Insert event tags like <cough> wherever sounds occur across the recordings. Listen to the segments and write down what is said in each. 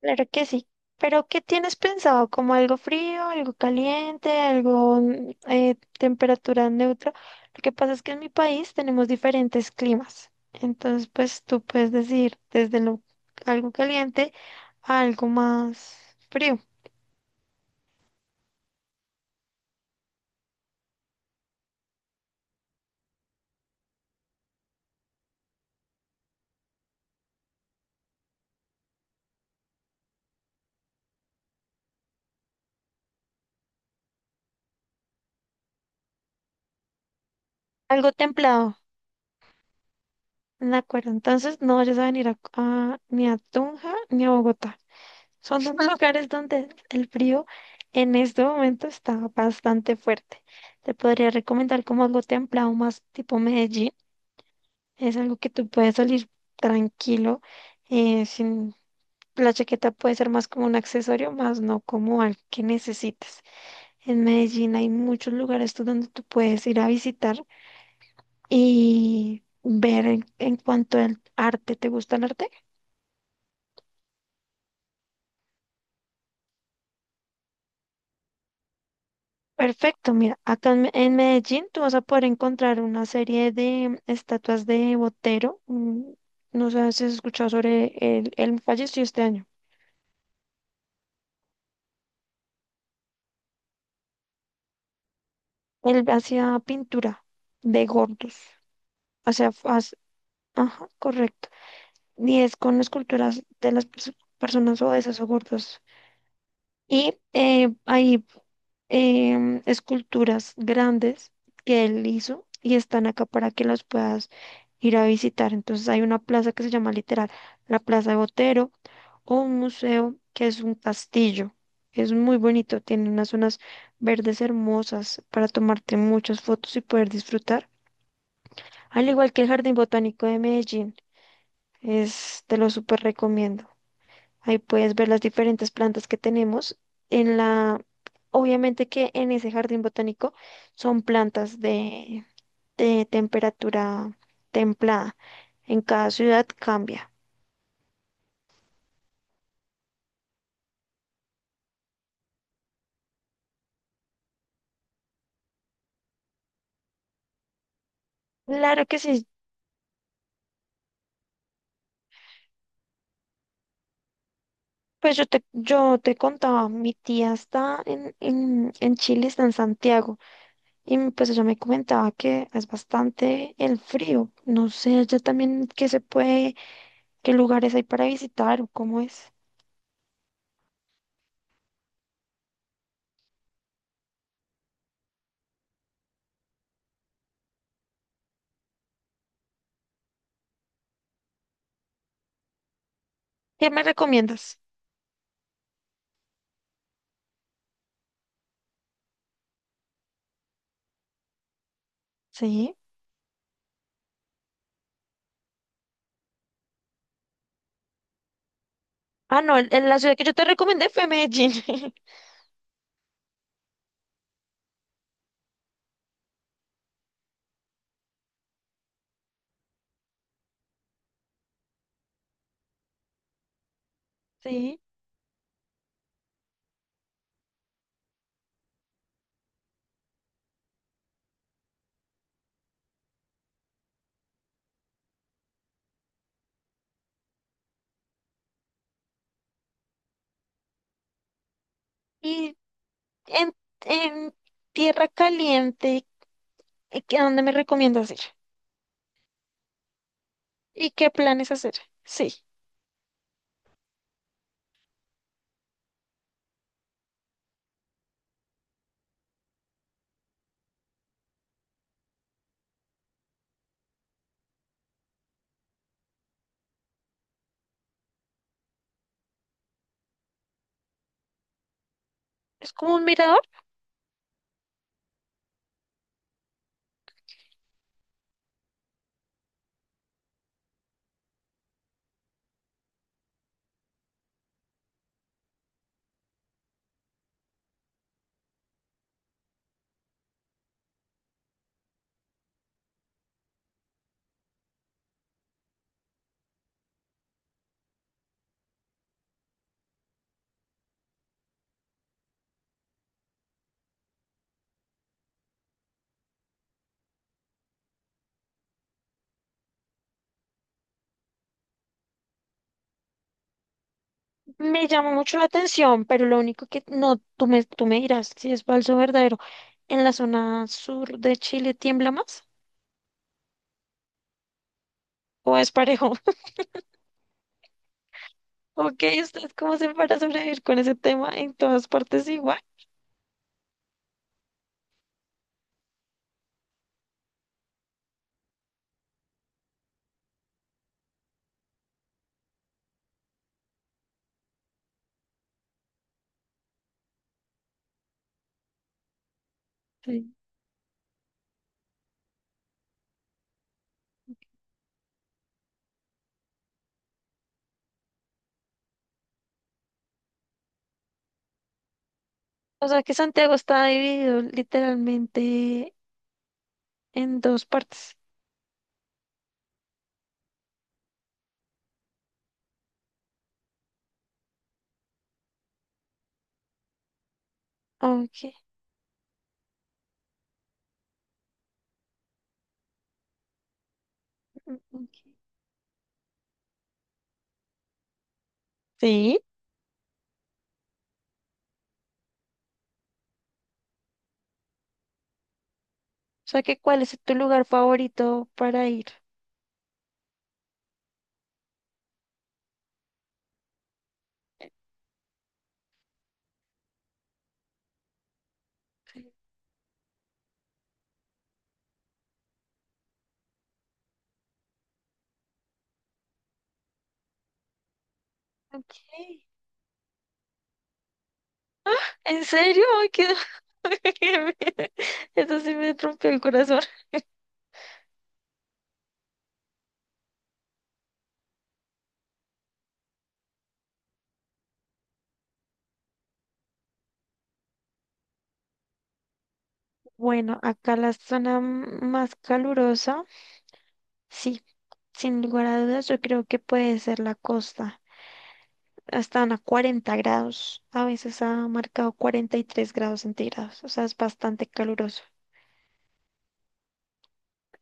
Claro que sí. Pero, ¿qué tienes pensado? ¿Como algo frío, algo caliente, algo temperatura neutra? Lo que pasa es que en mi país tenemos diferentes climas. Entonces, pues tú puedes decir desde lo, algo caliente a algo más frío, algo templado. De acuerdo. Entonces, no vayas a venir ni a Tunja ni a Bogotá. Son dos <laughs> lugares donde el frío en este momento está bastante fuerte. Te podría recomendar como algo templado más tipo Medellín. Es algo que tú puedes salir tranquilo, sin la chaqueta puede ser más como un accesorio, más no como algo que necesites. En Medellín hay muchos lugares tú donde tú puedes ir a visitar y ver en cuanto al arte. ¿Te gusta el arte? Perfecto, mira, en Medellín tú vas a poder encontrar una serie de estatuas de Botero. No sé si has escuchado sobre él falleció este año. Él hacía pintura de gordos, o sea, f- hace- ajá, correcto. Y es con esculturas de las personas obesas o gordas. Y esculturas grandes que él hizo y están acá para que las puedas ir a visitar. Entonces hay una plaza que se llama literal la Plaza de Botero o un museo que es un castillo. Es muy bonito, tiene unas zonas verdes hermosas para tomarte muchas fotos y poder disfrutar. Al igual que el Jardín Botánico de Medellín, es, te lo súper recomiendo. Ahí puedes ver las diferentes plantas que tenemos. En la, obviamente que en ese jardín botánico son plantas de temperatura templada. En cada ciudad cambia. Claro que sí. Yo te contaba, mi tía está en Chile, está en Santiago, y pues ella me comentaba que es bastante el frío. No sé, allá también qué se puede, qué lugares hay para visitar o cómo es. ¿Qué me recomiendas? Sí. Ah, no, en la ciudad que yo te recomendé fue Medellín. <laughs> Sí. Y en, en Tierra Caliente, ¿y qué- ¿a dónde me recomiendas ir? ¿Y qué planes hacer? Sí. Es como un mirador. Me llama mucho la atención, pero lo único que no, tú me dirás si es falso o verdadero. ¿En la zona sur de Chile tiembla más? ¿O es parejo? Ok, ¿usted cómo se para sobrevivir con ese tema en todas partes igual? Sí. O sea que Santiago está dividido literalmente en dos partes. Ok. Ok. Sí. O sea que ¿cuál es tu lugar favorito para ir? Ok. ¿En serio? Ay, qué- <laughs> Eso sí me rompió el corazón. Bueno, acá la zona más calurosa, sí, sin lugar a dudas, yo creo que puede ser la costa. Están a 40 grados, a veces ha marcado 43 grados centígrados, o sea, es bastante caluroso.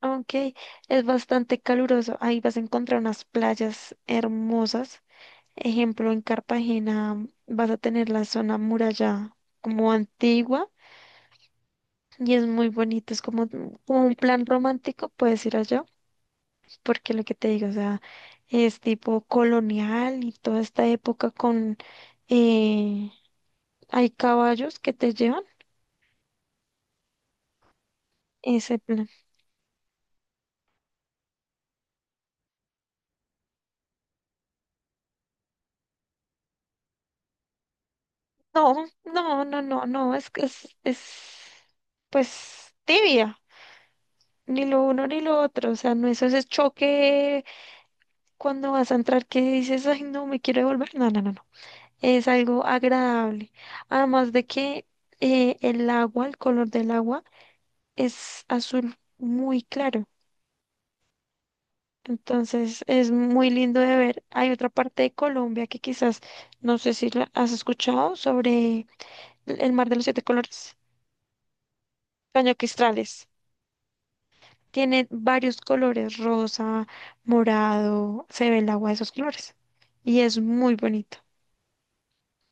Aunque es bastante caluroso, ahí vas a encontrar unas playas hermosas. Ejemplo, en Cartagena vas a tener la zona muralla como antigua y es muy bonito, es como, como un plan romántico, puedes ir allá. Porque lo que te digo, o sea, es tipo colonial y toda esta época eh, hay caballos que te llevan ese plan. No, no, no, no, no, es que es, pues, tibia, ni lo uno ni lo otro, o sea, no es ese choque cuando vas a entrar que dices, ay, no, me quiero devolver, no, no, no, no, es algo agradable, además de que el color del agua es azul muy claro. Entonces es muy lindo de ver. Hay otra parte de Colombia que quizás no sé si la has escuchado sobre el mar de los siete colores, cañoquistrales. Tiene varios colores, rosa, morado, se ve el agua de esos colores y es muy bonito.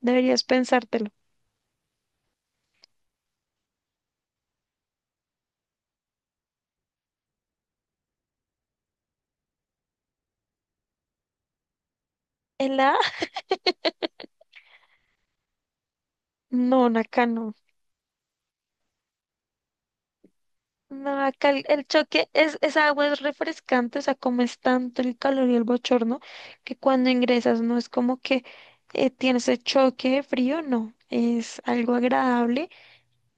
Deberías pensártelo. ¿En la? <laughs> No, acá no. No, acá el choque es, esa agua es refrescante, o sea, como es tanto el calor y el bochorno, que cuando ingresas no es como que tienes el choque de frío, no, es algo agradable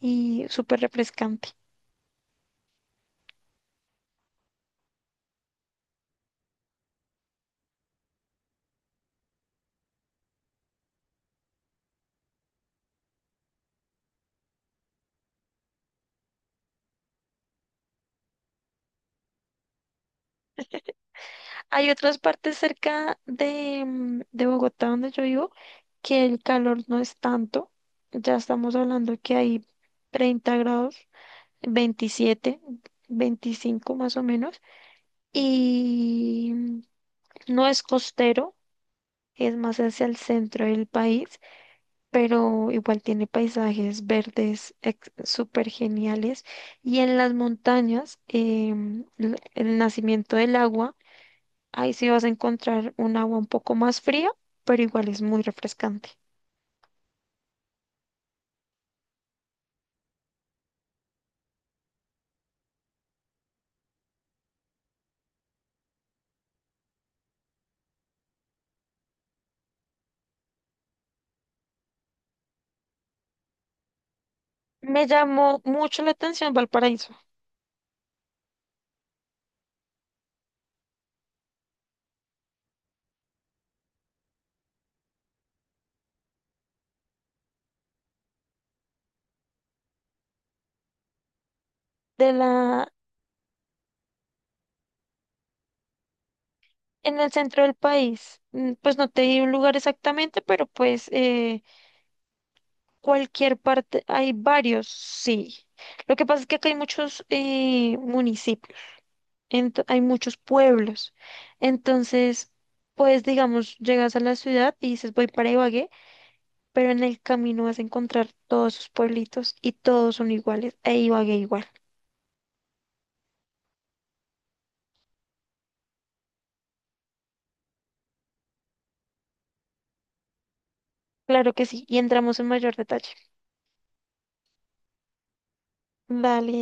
y súper refrescante. Hay otras partes cerca de, de Bogotá donde yo vivo que el calor no es tanto, ya estamos hablando que hay 30 grados, 27 25 más o menos, y no es costero, es más hacia el centro del país, pero igual tiene paisajes verdes súper geniales. Y en las montañas, el nacimiento del agua, ahí sí vas a encontrar un agua un poco más fría, pero igual es muy refrescante. Me llamó mucho la atención Valparaíso. De la, en el centro del país, pues no te di un lugar exactamente, pero pues cualquier parte, hay varios, sí. Lo que pasa es que acá hay muchos municipios, hay muchos pueblos. Entonces, pues digamos, llegas a la ciudad y dices voy para Ibagué, pero en el camino vas a encontrar todos sus pueblitos y todos son iguales, e Ibagué igual. Claro que sí, y entramos en mayor detalle. Dale.